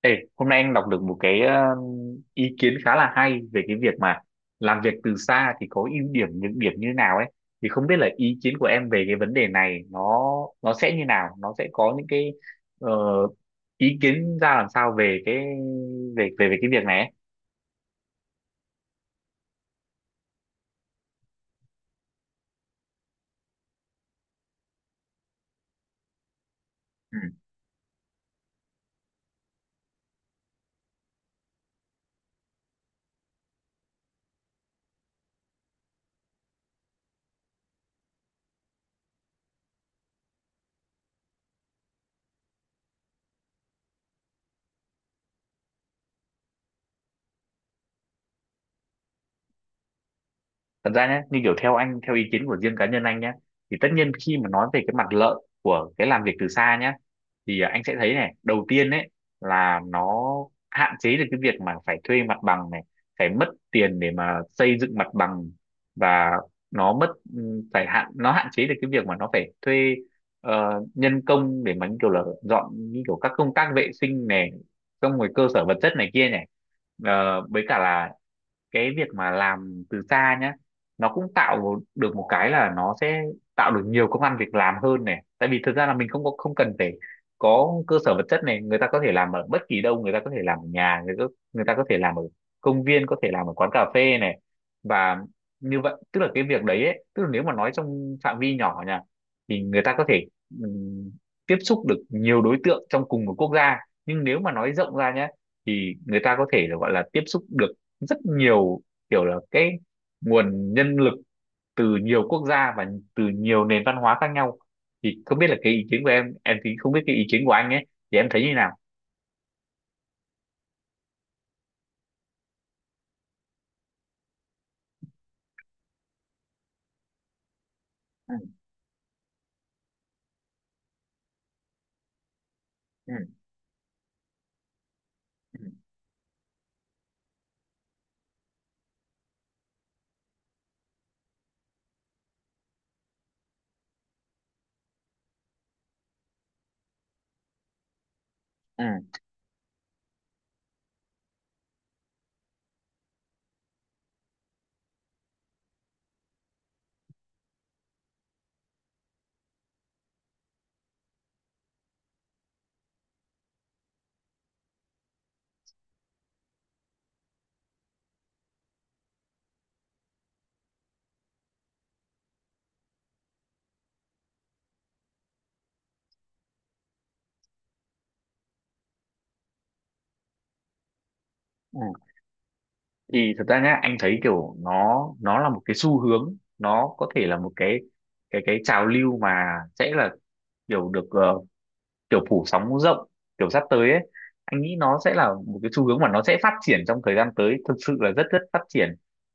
Ê, hôm nay anh đọc được một cái ý kiến khá là hay về cái việc mà làm việc từ xa thì có ưu điểm nhược điểm như thế nào ấy, thì không biết là ý kiến của em về cái vấn đề này nó sẽ như nào, nó sẽ có những cái ờ, ý kiến ra làm sao về cái về về về cái việc này ấy. Ừ. Thật ra nhé, như kiểu theo anh, theo ý kiến của riêng cá nhân anh nhé, thì tất nhiên khi mà nói về cái mặt lợi của cái làm việc từ xa nhé, thì anh sẽ thấy này, đầu tiên ấy là nó hạn chế được cái việc mà phải thuê mặt bằng này, phải mất tiền để mà xây dựng mặt bằng, và nó mất phải hạn nó hạn chế được cái việc mà nó phải thuê nhân công để mà như kiểu là dọn, như kiểu các công tác vệ sinh này, xong rồi cơ sở vật chất này kia này. Ờ, với cả là cái việc mà làm từ xa nhá, nó cũng được một cái là nó sẽ tạo được nhiều công ăn việc làm hơn này, tại vì thực ra là mình không có không cần phải có cơ sở vật chất này, người ta có thể làm ở bất kỳ đâu, người ta có thể làm ở nhà người ta có thể làm ở công viên, có thể làm ở quán cà phê này. Và như vậy tức là cái việc đấy ấy, tức là nếu mà nói trong phạm vi nhỏ nha, thì người ta có thể ừm, tiếp xúc được nhiều đối tượng trong cùng một quốc gia, nhưng nếu mà nói rộng ra nhé, thì người ta có thể là gọi là tiếp xúc được rất nhiều kiểu là cái nguồn nhân lực từ nhiều quốc gia và từ nhiều nền văn hóa khác nhau. Thì không biết là cái ý kiến của em thì không biết cái ý kiến của anh ấy thì em thấy như nào? Ừ, ừ, ừ, ừ. Ừ. Thì thật ra nhá, anh thấy kiểu nó là một cái xu hướng, nó có thể là một cái cái trào lưu mà sẽ là kiểu được kiểu phủ sóng rộng kiểu sắp tới ấy. Anh nghĩ nó sẽ là một cái xu hướng mà nó sẽ phát triển trong thời gian tới, thực sự là rất rất phát triển.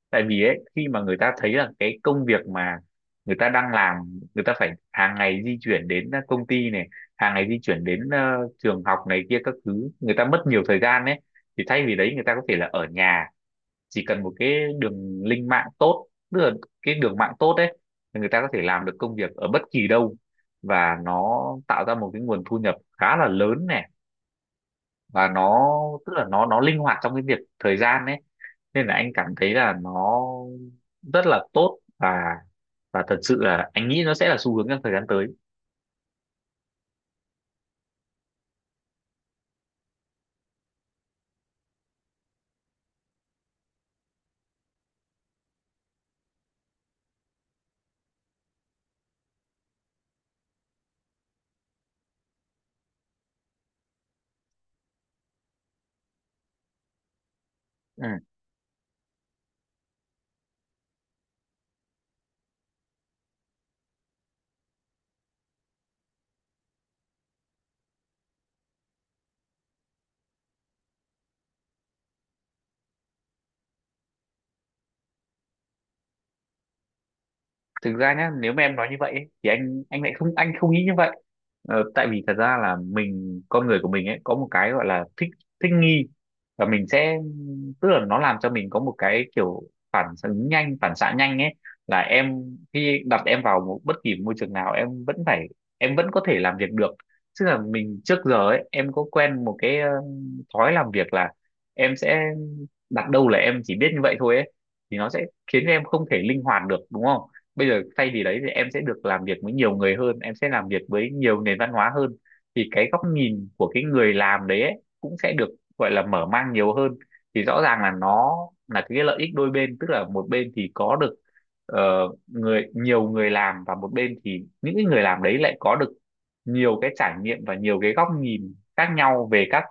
Tại vì ấy, khi mà người ta thấy là cái công việc mà người ta đang làm, người ta phải hàng ngày di chuyển đến công ty này, hàng ngày di chuyển đến trường học này kia các thứ, người ta mất nhiều thời gian ấy, thì thay vì đấy người ta có thể là ở nhà, chỉ cần một cái đường link mạng tốt, tức là cái đường mạng tốt đấy, thì người ta có thể làm được công việc ở bất kỳ đâu, và nó tạo ra một cái nguồn thu nhập khá là lớn này. Và nó tức là nó linh hoạt trong cái việc thời gian đấy, nên là anh cảm thấy là nó rất là tốt. Và thật sự là anh nghĩ nó sẽ là xu hướng trong thời gian tới. Ừ. Thực ra nhá, nếu mà em nói như vậy ấy, thì anh lại không, anh không nghĩ như vậy. Ờ, tại vì thật ra là mình, con người của mình ấy có một cái gọi là thích thích nghi. Và mình sẽ, tức là nó làm cho mình có một cái kiểu phản ứng nhanh, phản xạ nhanh ấy. Là em khi đặt em vào một bất kỳ môi trường nào, em vẫn phải, em vẫn có thể làm việc được. Tức là mình trước giờ ấy, em có quen một cái thói làm việc là em sẽ đặt đâu là em chỉ biết như vậy thôi ấy, thì nó sẽ khiến em không thể linh hoạt được, đúng không? Bây giờ thay vì đấy thì em sẽ được làm việc với nhiều người hơn, em sẽ làm việc với nhiều nền văn hóa hơn, thì cái góc nhìn của cái người làm đấy ấy, cũng sẽ được gọi là mở mang nhiều hơn. Thì rõ ràng là nó là cái lợi ích đôi bên, tức là một bên thì có được ờ, nhiều người làm, và một bên thì những cái người làm đấy lại có được nhiều cái trải nghiệm và nhiều cái góc nhìn khác nhau về các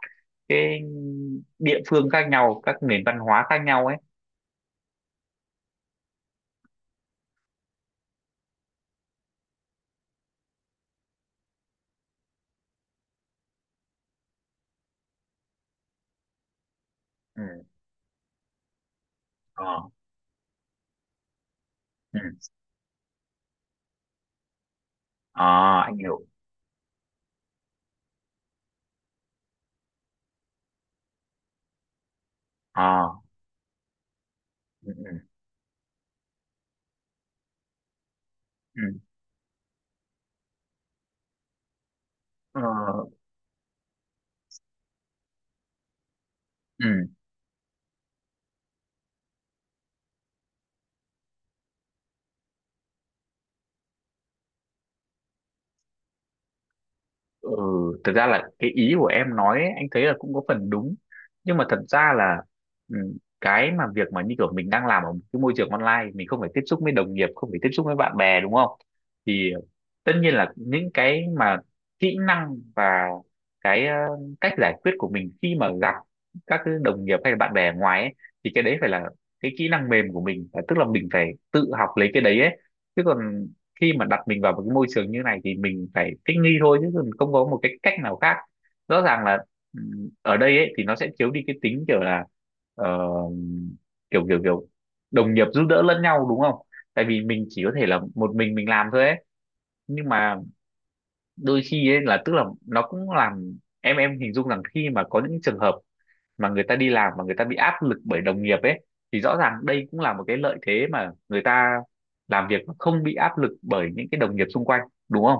cái địa phương khác nhau, các nền văn hóa khác nhau ấy. Ừ. Ờ. Ừ. Ờ, anh hiểu. Ờ. Ừ, ừ, ừ. ờ, ừ, ừ. Thực ra là cái ý của em nói ấy, anh thấy là cũng có phần đúng. Nhưng mà thật ra là ừ, cái mà việc mà như kiểu mình đang làm ở một cái môi trường online, mình không phải tiếp xúc với đồng nghiệp, không phải tiếp xúc với bạn bè, đúng không? Thì tất nhiên là những cái mà kỹ năng và cái cách giải quyết của mình khi mà gặp các cái đồng nghiệp hay là bạn bè ở ngoài ấy, thì cái đấy phải là cái kỹ năng mềm của mình, tức là mình phải tự học lấy cái đấy ấy. Chứ còn khi mà đặt mình vào một cái môi trường như này thì mình phải thích nghi thôi, chứ còn không có một cái cách nào khác. Rõ ràng là ở đây ấy thì nó sẽ thiếu đi cái tính kiểu là ờ, kiểu kiểu kiểu đồng nghiệp giúp đỡ lẫn nhau, đúng không? Tại vì mình chỉ có thể là một mình làm thôi ấy. Nhưng mà đôi khi ấy, là tức là nó cũng làm em, hình dung rằng khi mà có những trường hợp mà người ta đi làm mà người ta bị áp lực bởi đồng nghiệp ấy, thì rõ ràng đây cũng là một cái lợi thế mà người ta làm việc mà không bị áp lực bởi những cái đồng nghiệp xung quanh, đúng không?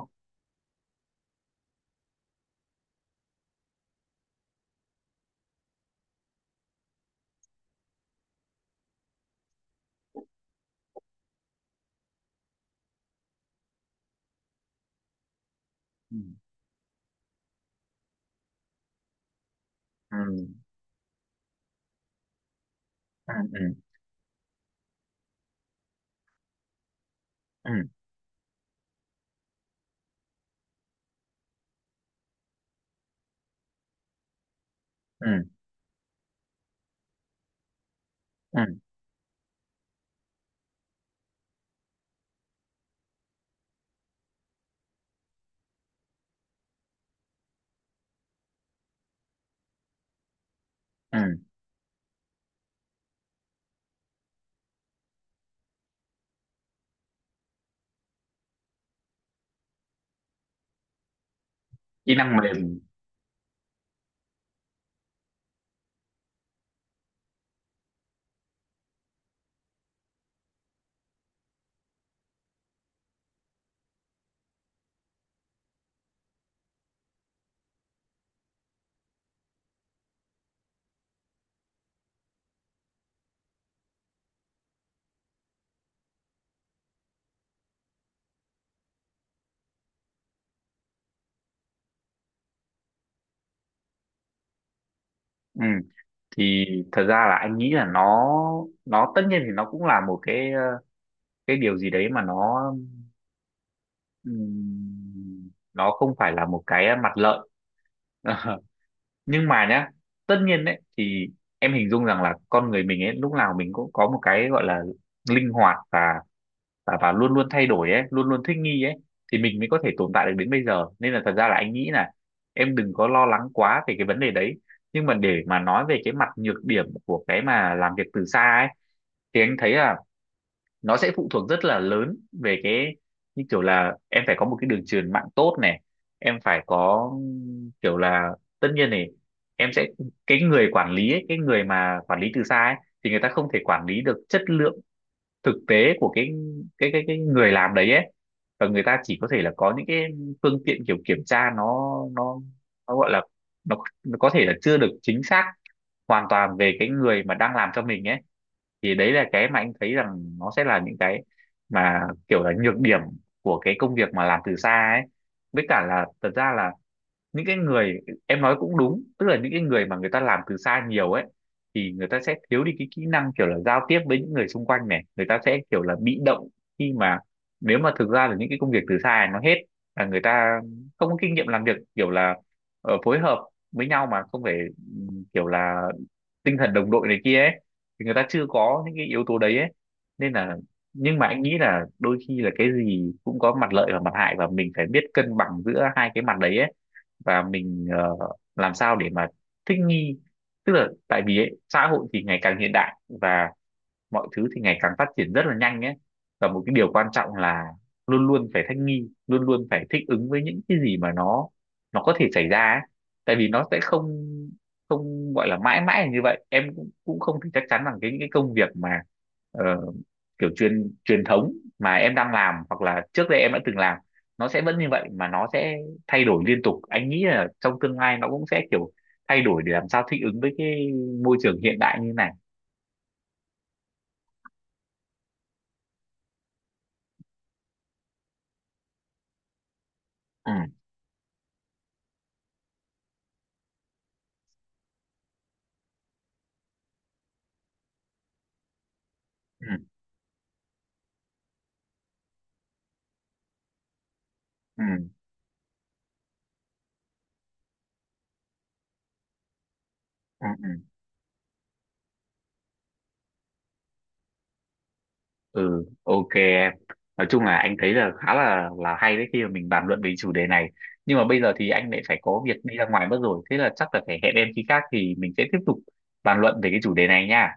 Ừ. Ừ. Ừ. Ừ. Ừ. Ừ. Ừ. Ừ. Kỹ năng mềm. Ừ. Thì thật ra là anh nghĩ là nó tất nhiên thì nó cũng là một cái cái điều gì đấy mà nó không phải là một cái mặt lợi. Nhưng mà nhá, tất nhiên đấy thì em hình dung rằng là con người mình ấy lúc nào mình cũng có một cái gọi là linh hoạt, và và luôn luôn thay đổi ấy, luôn luôn thích nghi ấy, thì mình mới có thể tồn tại được đến bây giờ. Nên là thật ra là anh nghĩ là em đừng có lo lắng quá về cái vấn đề đấy. Nhưng mà để mà nói về cái mặt nhược điểm của cái mà làm việc từ xa ấy, thì anh thấy là nó sẽ phụ thuộc rất là lớn về cái, như kiểu là em phải có một cái đường truyền mạng tốt này, em phải có kiểu là, tất nhiên này, em sẽ, cái người quản lý ấy, cái người mà quản lý từ xa ấy, thì người ta không thể quản lý được chất lượng thực tế của cái cái người làm đấy ấy. Và người ta chỉ có thể là có những cái phương tiện kiểu kiểm tra, nó gọi là nó, nó có thể là chưa được chính xác hoàn toàn về cái người mà đang làm cho mình ấy. Thì đấy là cái mà anh thấy rằng nó sẽ là những cái mà kiểu là nhược điểm của cái công việc mà làm từ xa ấy. Với cả là thật ra là những cái người, em nói cũng đúng, tức là những cái người mà người ta làm từ xa nhiều ấy, thì người ta sẽ thiếu đi cái kỹ năng kiểu là giao tiếp với những người xung quanh này, người ta sẽ kiểu là bị động khi mà, nếu mà thực ra là những cái công việc từ xa này nó hết, là người ta không có kinh nghiệm làm việc kiểu là phối hợp với nhau mà không phải ừ, kiểu là tinh thần đồng đội này kia ấy, thì người ta chưa có những cái yếu tố đấy ấy. Nên là, nhưng mà anh nghĩ là đôi khi là cái gì cũng có mặt lợi và mặt hại, và mình phải biết cân bằng giữa hai cái mặt đấy ấy. Và mình làm sao để mà thích nghi, tức là tại vì ấy, xã hội thì ngày càng hiện đại, và mọi thứ thì ngày càng phát triển rất là nhanh ấy. Và một cái điều quan trọng là luôn luôn phải thích nghi, luôn luôn phải thích ứng với những cái gì mà nó có thể xảy ra ấy. Tại vì nó sẽ không, không gọi là mãi mãi là như vậy. Em cũng, cũng không thể chắc chắn rằng cái những cái công việc mà ờ, kiểu truyền truyền thống mà em đang làm hoặc là trước đây em đã từng làm, nó sẽ vẫn như vậy, mà nó sẽ thay đổi liên tục. Anh nghĩ là trong tương lai nó cũng sẽ kiểu thay đổi để làm sao thích ứng với cái môi trường hiện đại như này. Ừ, ừ, ừ, ừ, ừ. Ừ, ok em. Nói chung là anh thấy là khá là hay đấy khi mà mình bàn luận về chủ đề này. Nhưng mà bây giờ thì anh lại phải có việc đi ra ngoài mất rồi, thế là chắc là phải hẹn em khi khác thì mình sẽ tiếp tục bàn luận về cái chủ đề này nha.